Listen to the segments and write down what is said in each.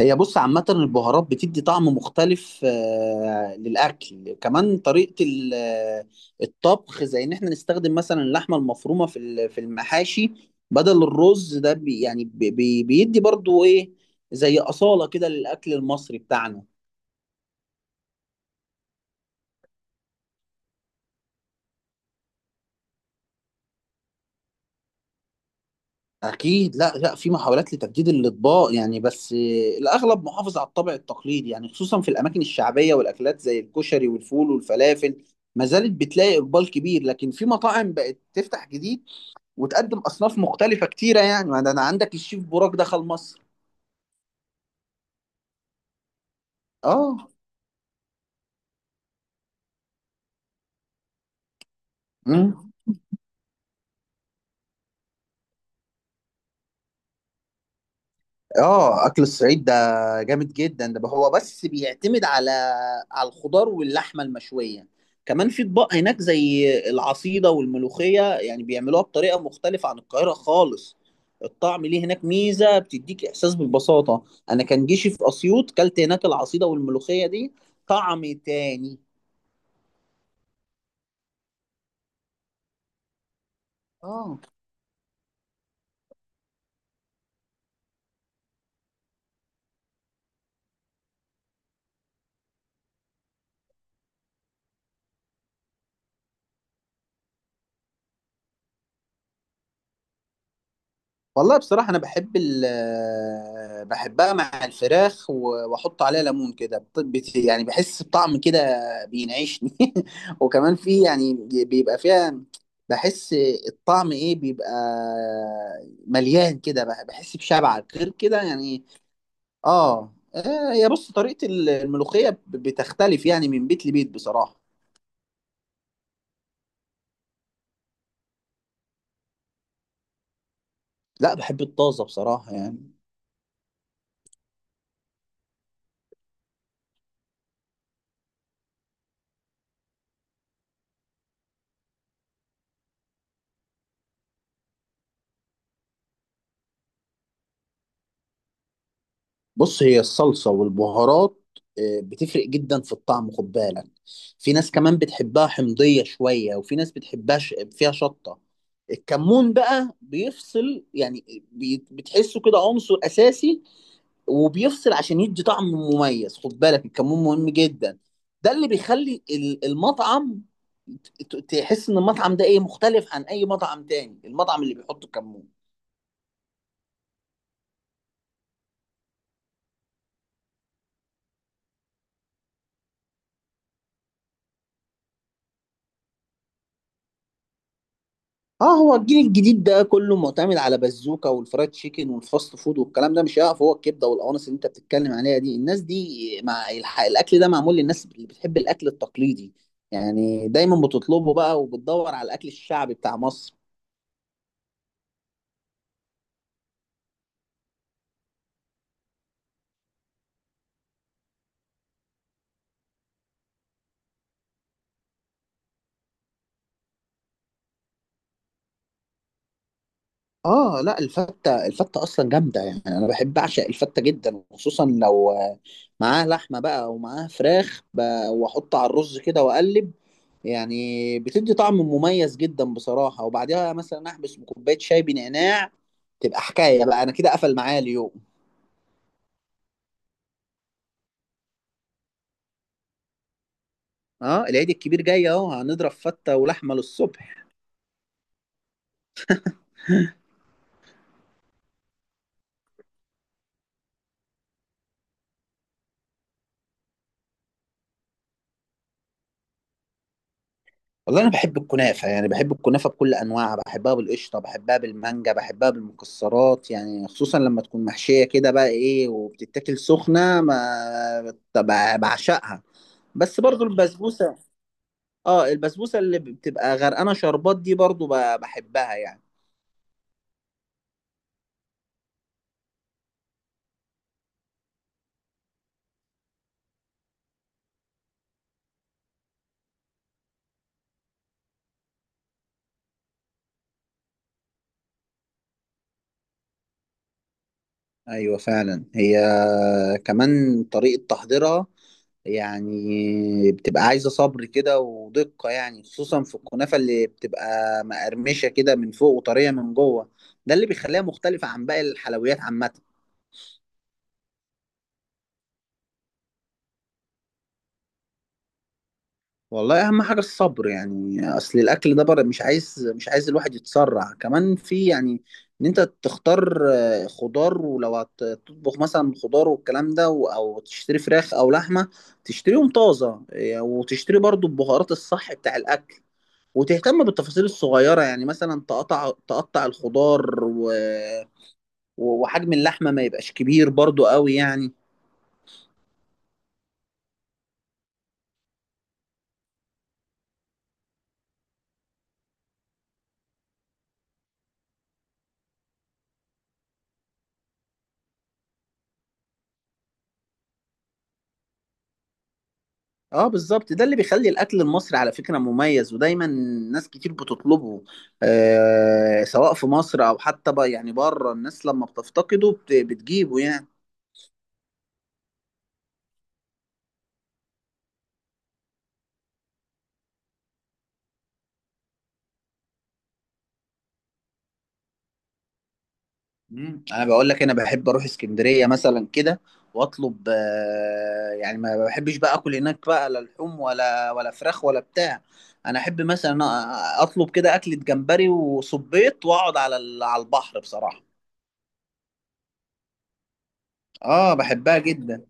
هي بص، عامة البهارات بتدي طعم مختلف للأكل. كمان طريقة الطبخ، زي إن إحنا نستخدم مثلا اللحمة المفرومة في المحاشي بدل الرز. ده بي يعني بي بي- بيدي برضو إيه، زي أصالة كده للأكل المصري بتاعنا. أكيد لا لا، في محاولات لتجديد الأطباق يعني، بس الأغلب محافظ على الطابع التقليدي، يعني خصوصا في الأماكن الشعبية، والأكلات زي الكشري والفول والفلافل ما زالت بتلاقي إقبال كبير. لكن في مطاعم بقت تفتح جديد، وتقدم اصناف مختلفه كتيره، يعني ما ده انا عندك الشيف بوراك دخل مصر. اه. امم. اه. اكل الصعيد ده جامد جدا. ده هو بس بيعتمد على الخضار واللحمه المشويه. كمان في اطباق هناك زي العصيده والملوخيه، يعني بيعملوها بطريقه مختلفه عن القاهره خالص. الطعم ليه هناك ميزه، بتديك احساس بالبساطه. انا كان جيشي في اسيوط، كلت هناك العصيده والملوخيه دي طعم تاني. اه. والله بصراحة أنا بحب بحبها مع الفراخ، وأحط عليها ليمون كده، يعني بحس بطعم كده بينعشني. وكمان في، يعني بيبقى فيها، بحس الطعم إيه، بيبقى مليان كده، بحس بشبع غير كده يعني. هي بص، طريقة الملوخية بتختلف يعني من بيت لبيت بصراحة. لا، بحب الطازة بصراحة يعني. بص، هي الصلصة والبهارات بتفرق جدا في الطعم، خد بالك. في ناس كمان بتحبها حمضية شوية، وفي ناس بتحبها فيها شطة. الكمون بقى بيفصل يعني، بتحسه كده عنصر أساسي، وبيفصل عشان يدي طعم مميز. خد بالك الكمون مهم جدا. ده اللي بيخلي المطعم تحس إن المطعم ده إيه مختلف عن أي مطعم تاني، المطعم اللي بيحط الكمون. اه، هو الجيل الجديد ده كله معتمد على بازوكا والفرايد تشيكن والفاست فود والكلام ده، مش هيقف. هو الكبده والقوانص اللي انت بتتكلم عليها دي، الناس دي مع الاكل ده، معمول للناس اللي بتحب الاكل التقليدي، يعني دايما بتطلبه بقى، وبتدور على الاكل الشعبي بتاع مصر. اه لا، الفتة اصلا جامدة يعني، انا بحب اعشق الفتة جدا، وخصوصا لو معاها لحمة بقى، ومعاها فراخ، واحط على الرز كده واقلب، يعني بتدي طعم مميز جدا بصراحة. وبعدها مثلا احبس بكوباية شاي بنعناع، تبقى حكاية بقى. انا كده قفل معايا اليوم. اه، العيد الكبير جاي اهو، هنضرب فتة ولحمة للصبح. والله انا بحب الكنافه، يعني بحب الكنافه بكل انواعها، بحبها بالقشطه، بحبها بالمانجا، بحبها بالمكسرات، يعني خصوصا لما تكون محشيه كده بقى ايه، وبتتاكل سخنه، ما طب بعشقها. بس برضو البسبوسه. اه، البسبوسه اللي بتبقى غرقانه شربات دي برضو بحبها يعني. ايوه فعلا، هي كمان طريقه تحضيرها يعني بتبقى عايزة صبر كده ودقة، يعني خصوصا في الكنافة اللي بتبقى مقرمشة كده من فوق، وطرية من جوه. ده اللي بيخليها مختلفة عن باقي الحلويات عامة. والله أهم حاجة الصبر، يعني أصل الأكل ده بره، مش عايز الواحد يتسرع. كمان في، يعني إن أنت تختار خضار، ولو هتطبخ مثلا خضار والكلام ده، أو تشتري فراخ أو لحمة تشتريهم طازة، وتشتري برضو البهارات الصح بتاع الأكل، وتهتم بالتفاصيل الصغيرة، يعني مثلا تقطع الخضار وحجم اللحمة ما يبقاش كبير برضو قوي يعني. اه بالظبط، ده اللي بيخلي الأكل المصري على فكرة مميز، ودايما ناس كتير بتطلبه. آه، سواء في مصر أو حتى بقى يعني بره، الناس لما بتفتقده بتجيبه يعني. مم. انا بقول لك، انا بحب اروح اسكندريه مثلا كده واطلب، يعني ما بحبش بقى اكل هناك بقى، لا لحوم ولا فراخ ولا بتاع. انا احب مثلا اطلب كده اكله جمبري وصبيط، واقعد على البحر بصراحه. اه بحبها جدا.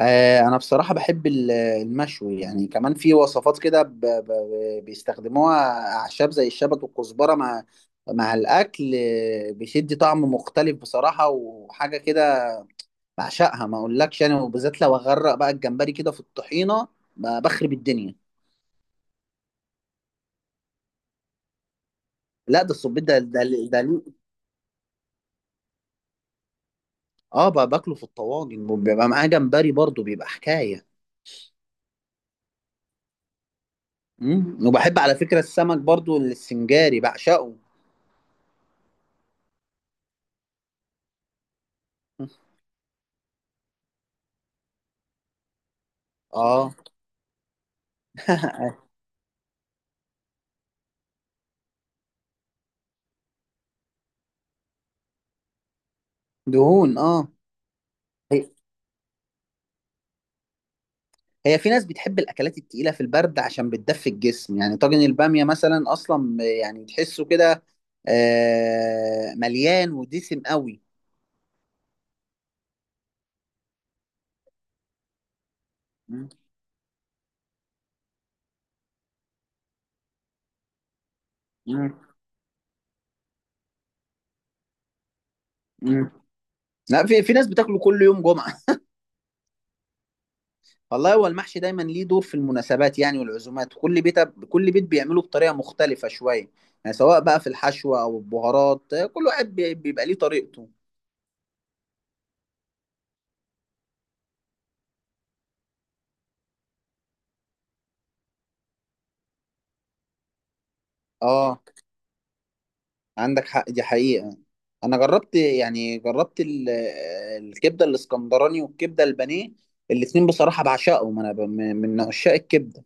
آه، انا بصراحه بحب المشوي، يعني كمان في وصفات كده بيستخدموها اعشاب زي الشبت والكزبره مع الاكل، بيشد طعم مختلف بصراحه، وحاجه كده بعشقها ما اقولكش يعني، وبالذات لو اغرق بقى الجمبري كده في الطحينه، بخرب الدنيا. لا، ده الصبيط، ده ليه- اه، بقى باكله في الطواجن، وبيبقى معاه جمبري برضو بيبقى حكايه. مم. وبحب على فكره السمك برضو السنجاري بعشقه. اه. دهون اه. هي هي في ناس بتحب الاكلات التقيله في البرد عشان بتدفي الجسم، يعني طاجن الباميه مثلا اصلا يعني تحسه كده مليان ودسم قوي. مم. مم. لا، في ناس بتاكله كل يوم جمعة. والله هو المحشي دايما ليه دور في المناسبات، يعني والعزومات، كل بيت بيعمله بطريقة مختلفة شوية، يعني سواء بقى في الحشوة أو البهارات، كل واحد بيبقى ليه طريقته. اه عندك حق، دي حقيقة. أنا جربت، يعني جربت الكبدة الإسكندراني والكبدة البانيه، الاتنين بصراحة بعشقهم. أنا من عشاق الكبدة.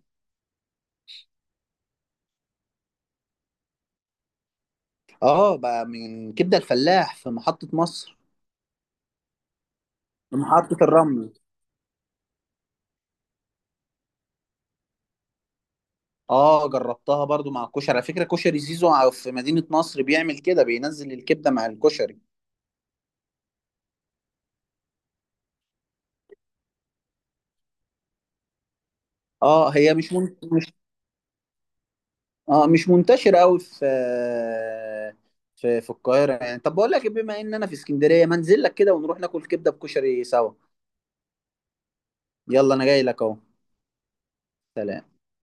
اه، بقى من كبدة الفلاح في محطة مصر. في محطة الرمل. اه، جربتها برضو مع الكشري، على فكره كشري زيزو في مدينه نصر بيعمل كده، بينزل الكبده مع الكشري. اه هي مش من... مش اه، مش منتشره قوي في القاهره يعني. طب بقول لك إيه، بما ان انا في اسكندريه، ما انزل لك كده، ونروح ناكل كبده بكشري سوا. يلا، انا جاي لك اهو. سلام.